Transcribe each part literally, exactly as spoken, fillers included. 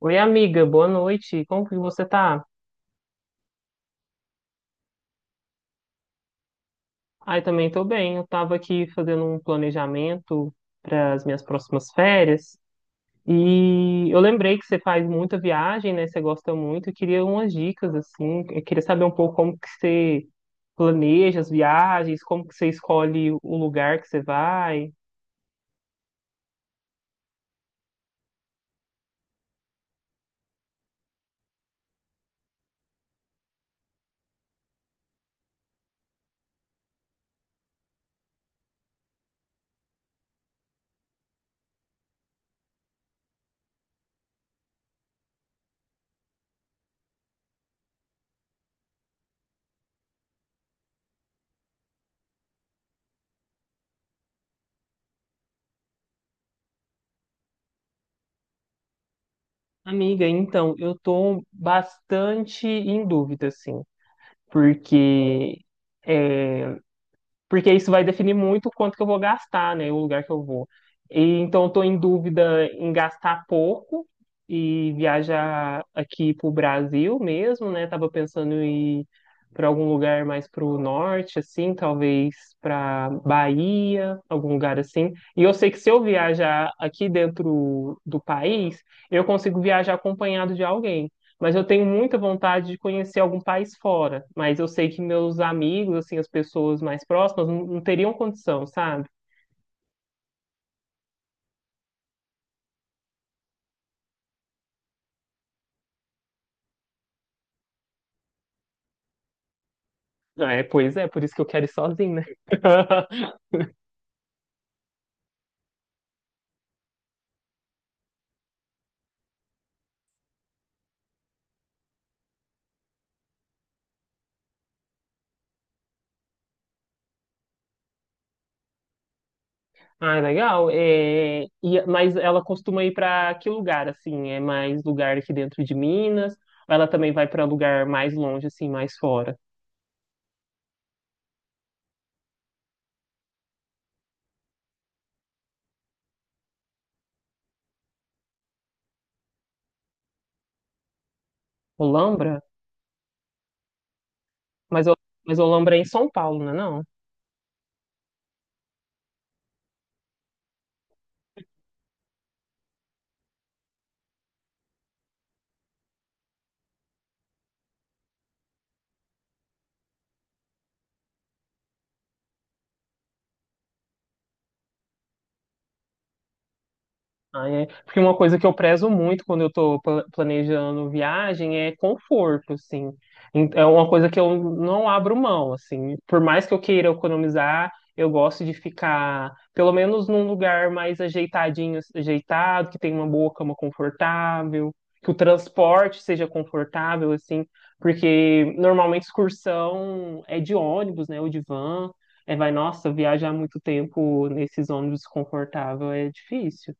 Oi, amiga, boa noite. Como que você tá? Ai, também tô bem. Eu tava aqui fazendo um planejamento para as minhas próximas férias e eu lembrei que você faz muita viagem, né? Você gosta muito. Eu queria umas dicas assim. Eu queria saber um pouco como que você planeja as viagens, como que você escolhe o lugar que você vai. Amiga, então, eu tô bastante em dúvida assim, porque eh, porque isso vai definir muito o quanto que eu vou gastar, né, o lugar que eu vou. E, então, eu estou em dúvida em gastar pouco e viajar aqui pro Brasil mesmo, né? Tava pensando em ir para algum lugar mais pro norte, assim, talvez para Bahia, algum lugar assim. E eu sei que se eu viajar aqui dentro do país, eu consigo viajar acompanhado de alguém. Mas eu tenho muita vontade de conhecer algum país fora. Mas eu sei que meus amigos, assim, as pessoas mais próximas, não, não teriam condição, sabe? Ah, é, pois é, por isso que eu quero ir sozinho, né? Ah, legal. É, e- mas ela costuma ir para que lugar, assim? É mais lugar aqui dentro de Minas? Ou ela também vai para lugar mais longe, assim, mais fora? Olambra? Mas, Ol- mas Olambra é em São Paulo, não é não? Ai, é. Porque uma coisa que eu prezo muito quando eu tô pla- planejando viagem é conforto, assim. Em- É uma coisa que eu não abro mão, assim. Por mais que eu queira economizar, eu gosto de ficar, pelo menos num lugar mais ajeitadinho, ajeitado, que tem uma boa cama confortável, que o transporte seja confortável, assim. Porque normalmente excursão é de ônibus, né, ou de van. É, vai, nossa, viajar muito tempo nesses ônibus confortável é difícil.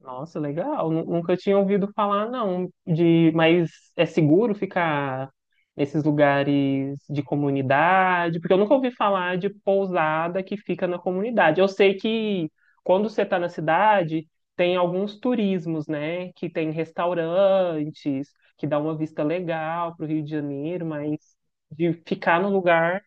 Nossa, legal. Nu- Nunca tinha ouvido falar, não. De, mas é seguro ficar nesses lugares de comunidade? Porque eu nunca ouvi falar de pousada que fica na comunidade. Eu sei que quando você está na cidade, tem alguns turismos, né? Que tem restaurantes, que dá uma vista legal para o Rio de Janeiro, mas de ficar no lugar,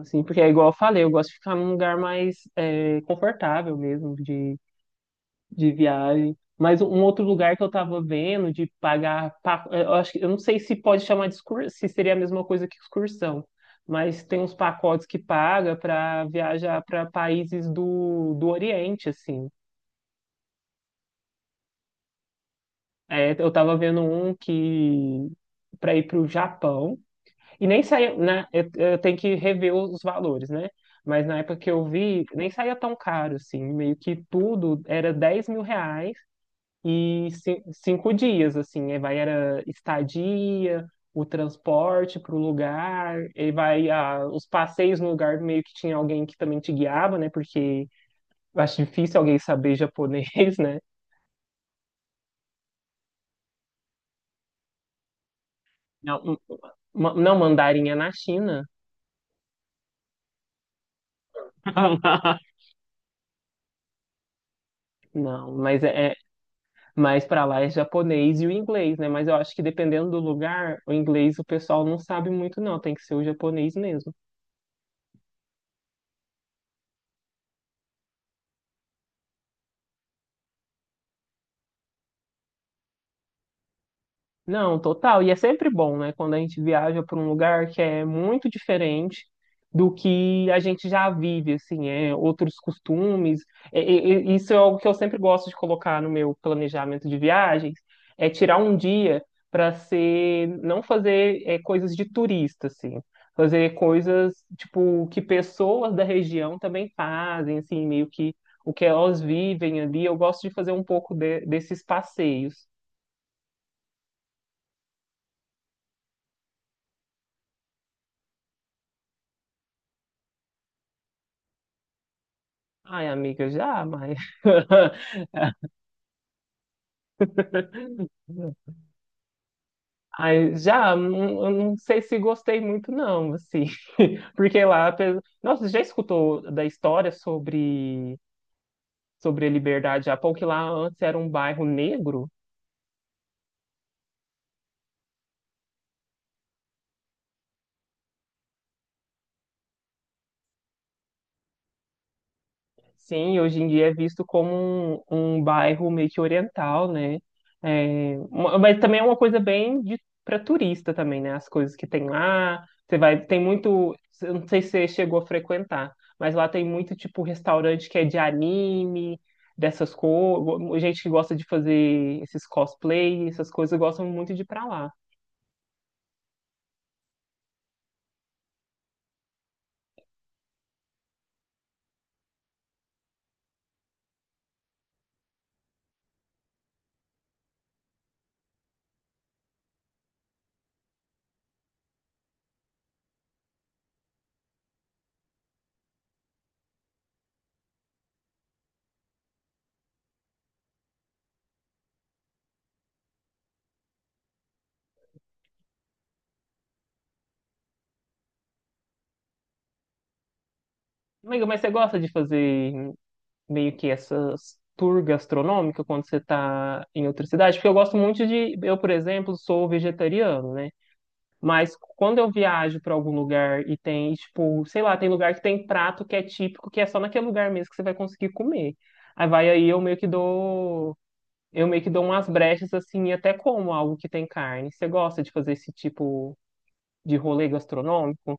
assim, porque é igual eu falei, eu gosto de ficar num lugar mais eh, confortável mesmo, de de viagem. Mas um outro lugar que eu tava vendo de pagar, pa- eu acho que eu não sei se pode chamar de excursão, se seria a mesma coisa que excursão, mas tem uns pacotes que paga para viajar para países do, do Oriente, assim. É, eu tava vendo um que para ir para o Japão e nem saía, né? Eu, eu tenho que rever os valores, né? Mas na época que eu vi, nem saía tão caro, assim. Meio que tudo era dez mil reais e ci- cinco dias, assim, aí vai era estadia, o transporte para o lugar, e vai ah, os passeios no lugar meio que tinha alguém que também te guiava, né? Porque eu acho difícil alguém saber japonês, né? Não, ma- não, mandarim é na China. Não, mas é, é mais para lá é japonês e o inglês, né? Mas eu acho que dependendo do lugar, o inglês o pessoal não sabe muito, não. Tem que ser o japonês mesmo. Não, total. E é sempre bom, né? Quando a gente viaja para um lugar que é muito diferente do que a gente já vive, assim, é outros costumes. É, é, é, isso é algo que eu sempre gosto de colocar no meu planejamento de viagens, é tirar um dia para ser, não fazer é, coisas de turista, assim, fazer coisas tipo que pessoas da região também fazem, assim, meio que o que elas vivem ali. Eu gosto de fazer um pouco de- desses passeios. Ai, amiga, já, mas. Ai, já, não- eu não sei se gostei muito, não, assim. Porque lá. pe- Nossa, você já escutou da história sobre, sobre a Liberdade Japão, que lá antes era um bairro negro? Sim, hoje em dia é visto como um, um bairro meio que oriental, né? É, uma- mas também é uma coisa bem para turista também, né? As coisas que tem lá, você vai, tem muito, eu não sei se você chegou a frequentar, mas lá tem muito tipo restaurante que é de anime, dessas coisas, gente que gosta de fazer esses cosplay, essas coisas gostam muito de ir pra lá. Amiga, mas você gosta de fazer meio que essas tour gastronômica quando você está em outra cidade, porque eu gosto muito de, eu, por exemplo, sou vegetariano, né? Mas quando eu viajo para algum lugar e tem, tipo, sei lá, tem lugar que tem prato que é típico, que é só naquele lugar mesmo que você vai conseguir comer. Aí vai aí eu meio que dou, eu meio que dou umas brechas assim e até como algo que tem carne. Você gosta de fazer esse tipo de rolê gastronômico?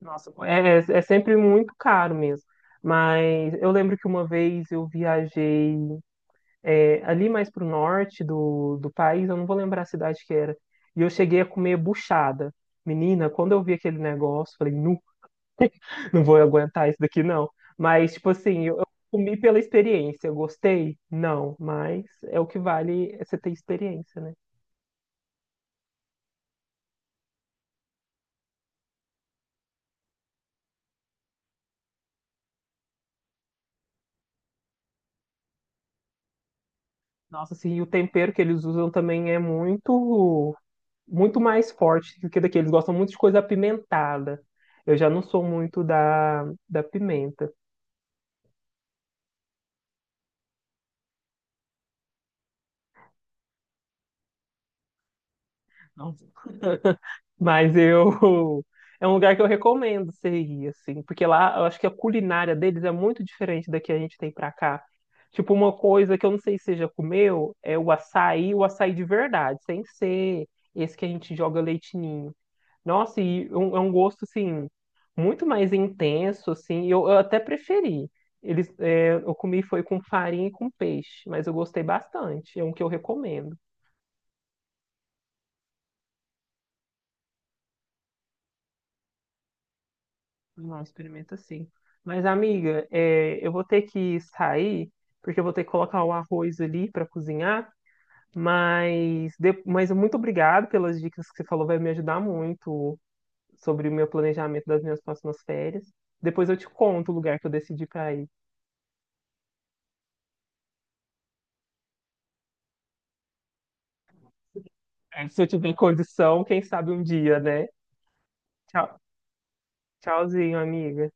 Nossa, é, é é sempre muito caro mesmo. Mas eu lembro que uma vez eu viajei é, ali mais pro norte do, do país, eu não vou lembrar a cidade que era. E eu cheguei a comer buchada. Menina, quando eu vi aquele negócio, falei, não, não vou aguentar isso daqui, não. Mas, tipo assim, eu, eu comi pela experiência. Eu gostei? Não, mas é o que vale é você ter experiência, né? Nossa, assim, e o tempero que eles usam também é muito, muito mais forte do que daqui. Eles gostam muito de coisa apimentada. Eu já não sou muito da, da pimenta. Não. Mas eu. É um lugar que eu recomendo você ir, assim, porque lá eu acho que a culinária deles é muito diferente da que a gente tem pra cá. Tipo, uma coisa que eu não sei se você já comeu é o açaí, o açaí de verdade, sem ser esse que a gente joga leite ninho. Nossa, e é um é um gosto, assim, muito mais intenso, assim, eu, eu até preferi. Eles, é, eu comi foi com farinha e com peixe, mas eu gostei bastante, é um que eu recomendo. Não, experimenta sim. Mas, amiga, é, eu vou ter que sair, porque eu vou ter que colocar o arroz ali para cozinhar. Mas, de- mas muito obrigado pelas dicas que você falou, vai me ajudar muito sobre o meu planejamento das minhas próximas férias. Depois eu te conto o lugar que eu decidi para ir. É, se eu tiver condição, quem sabe um dia, né? Tchau, tchauzinho, amiga.